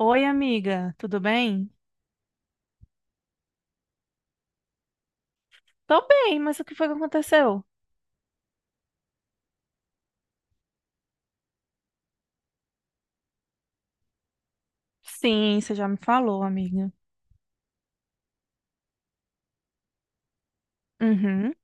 Oi, amiga, tudo bem? Tô bem, mas o que foi que aconteceu? Sim, você já me falou, amiga. Uhum.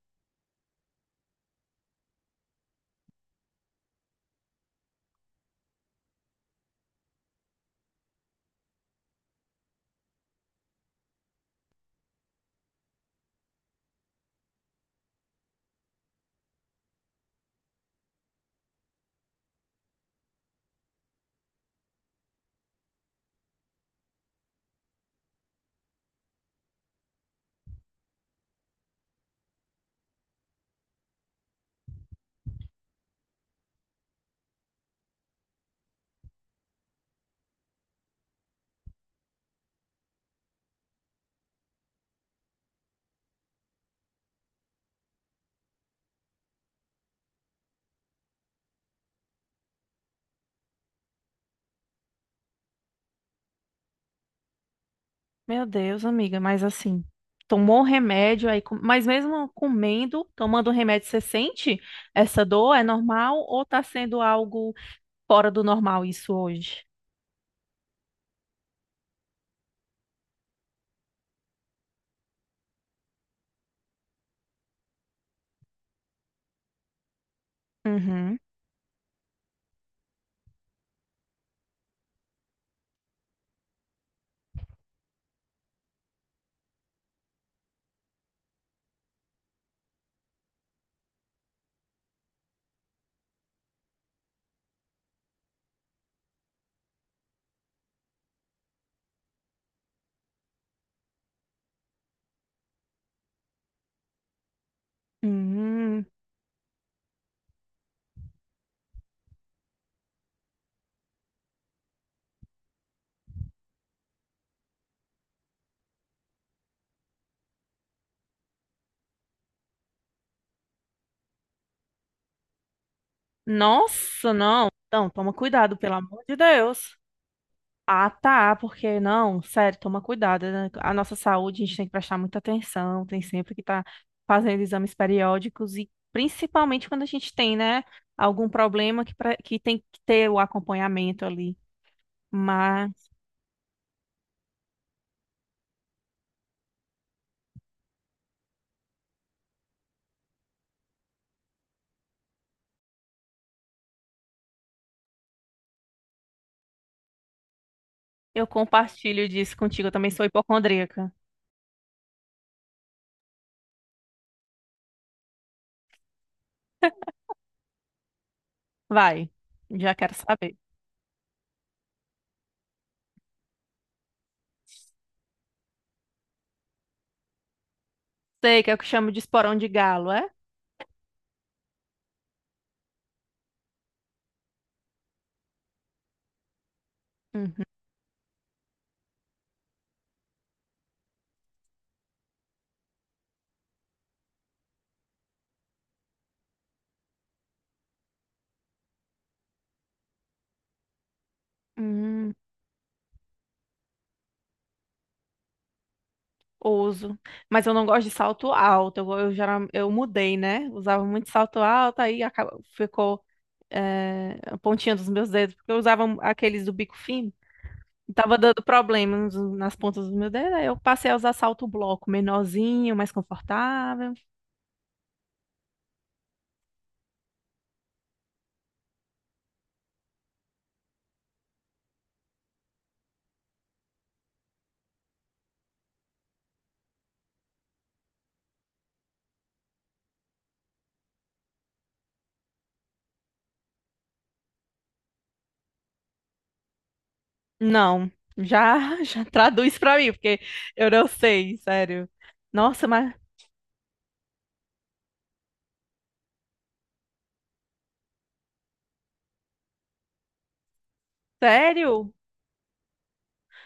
Meu Deus, amiga, mas assim, tomou o remédio aí, mas mesmo comendo, tomando o remédio, você sente essa dor? É normal ou tá sendo algo fora do normal isso hoje? Uhum. Hum. Nossa, não. Então, toma cuidado, pelo amor de Deus. Ah, tá, porque não, sério, toma cuidado, né? A nossa saúde, a gente tem que prestar muita atenção, tem sempre que estar fazendo exames periódicos e principalmente quando a gente tem, né, algum problema que tem que ter o acompanhamento ali. Mas eu compartilho disso contigo, eu também sou hipocondríaca. Vai, já quero saber. Sei que é o que chamo de esporão de galo, é? Uhum. Hum, ouso. Mas eu não gosto de salto alto. Eu mudei, né? Usava muito salto alto, ficou. É a pontinha dos meus dedos, porque eu usava um, aqueles do bico fino. E tava dando problemas nas pontas dos meus dedos, aí eu passei a usar salto bloco, menorzinho, mais confortável. Não, já, já traduz pra mim, porque eu não sei, sério. Nossa, mas sério?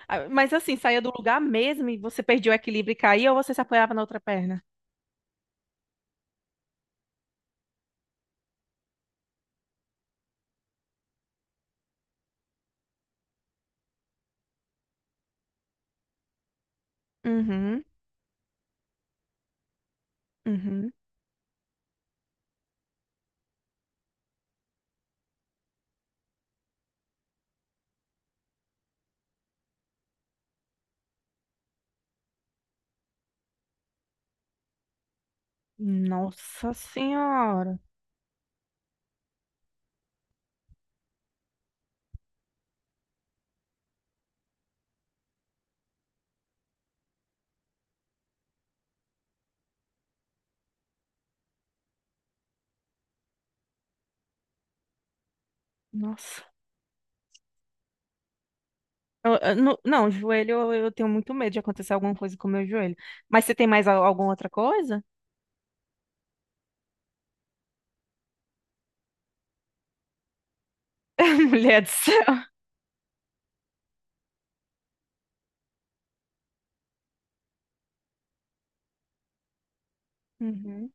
Ah, mas assim, saía do lugar mesmo e você perdia o equilíbrio e caía ou você se apoiava na outra perna? Uhum, uhum. Nossa senhora. Nossa. Eu não, não, joelho, eu tenho muito medo de acontecer alguma coisa com o meu joelho. Mas você tem mais alguma outra coisa? Mulher do céu. Uhum.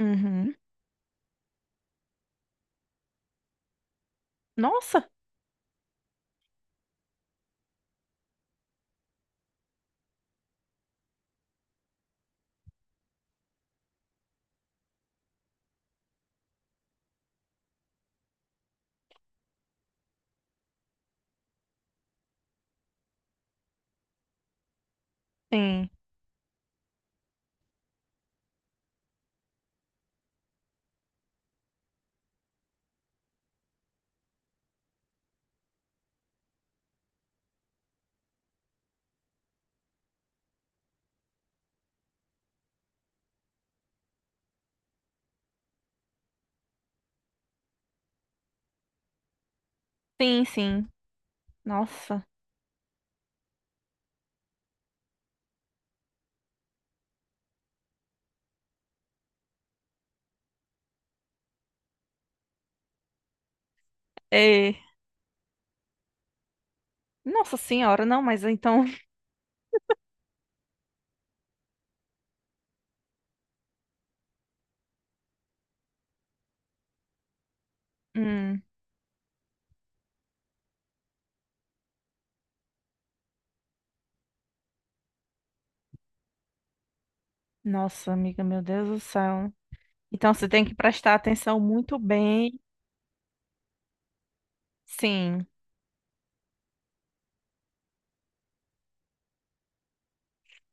Uhum. Nossa, sim. Sim, sim. Nossa. É. Nossa senhora, não, mas então. Hum. Nossa, amiga, meu Deus do céu. Então você tem que prestar atenção muito bem. Sim.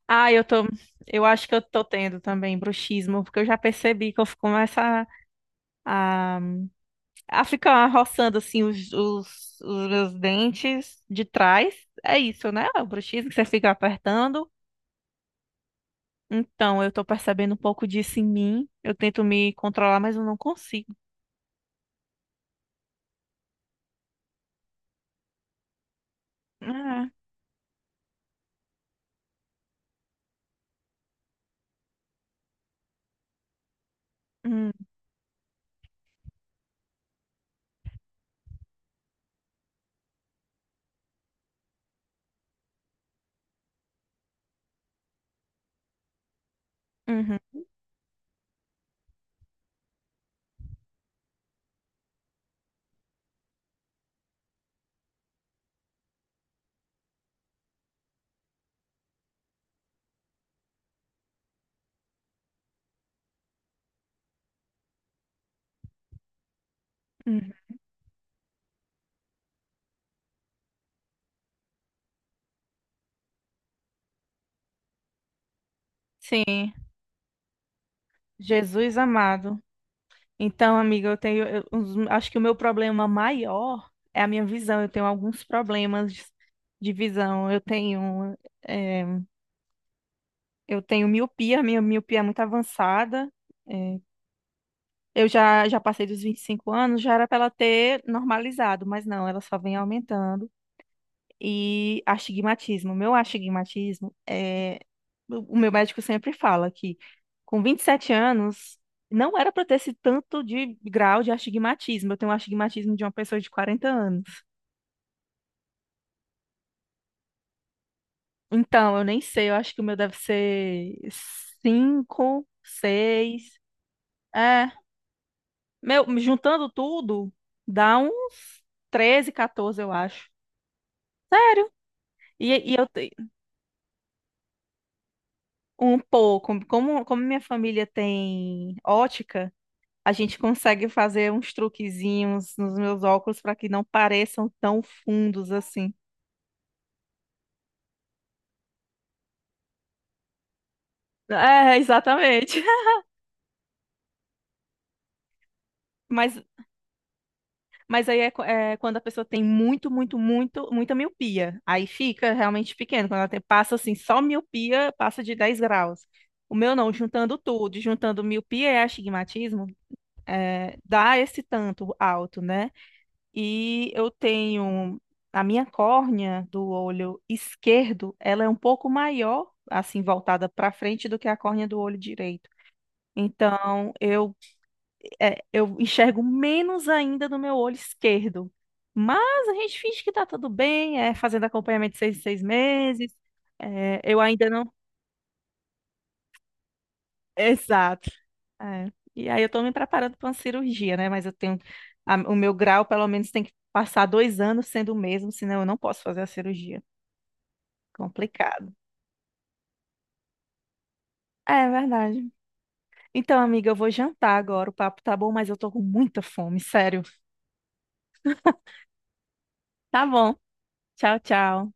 Ah, eu tô. Eu acho que eu tô tendo também bruxismo, porque eu já percebi que eu começo a, ah, fica roçando assim os meus dentes de trás. É isso, né? É o bruxismo que você fica apertando. Então, eu tô percebendo um pouco disso em mim. Eu tento me controlar, mas eu não consigo. Ah, hum, uhum, uhum. Sim, Jesus amado. Então, amiga, eu tenho. Acho que o meu problema maior é a minha visão. Eu tenho alguns problemas de visão. Eu tenho, eh, eu tenho miopia, minha miopia é muito avançada. É, eu já, já passei dos 25 anos, já era para ela ter normalizado, mas não, ela só vem aumentando. E astigmatismo, meu astigmatismo é. O meu médico sempre fala que com 27 anos não era para ter esse tanto de grau de astigmatismo. Eu tenho um astigmatismo de uma pessoa de 40 anos. Então, eu nem sei, eu acho que o meu deve ser 5, 6. É, meu, juntando tudo, dá uns 13, 14, eu acho. Sério? E, e eu te- Um pouco, como, como minha família tem ótica, a gente consegue fazer uns truquezinhos nos meus óculos para que não pareçam tão fundos assim. É, exatamente. Mas, mas aí é, é quando a pessoa tem muito, muito, muito, muita miopia. Aí fica realmente pequeno. Quando ela passa assim, só miopia, passa de 10 graus. O meu não, juntando tudo, juntando miopia e astigmatismo, é, dá esse tanto alto, né? E eu tenho a minha córnea do olho esquerdo, ela é um pouco maior, assim, voltada para frente do que a córnea do olho direito. Então, eu, é, eu enxergo menos ainda no meu olho esquerdo. Mas a gente finge que tá tudo bem, é fazendo acompanhamento de seis em seis meses. É, eu ainda não. Exato. É. E aí eu tô me preparando para uma cirurgia, né? Mas eu tenho. O meu grau, pelo menos, tem que passar 2 anos sendo o mesmo, senão eu não posso fazer a cirurgia. Complicado. É verdade. Então, amiga, eu vou jantar agora. O papo tá bom, mas eu tô com muita fome, sério. Tá bom. Tchau, tchau.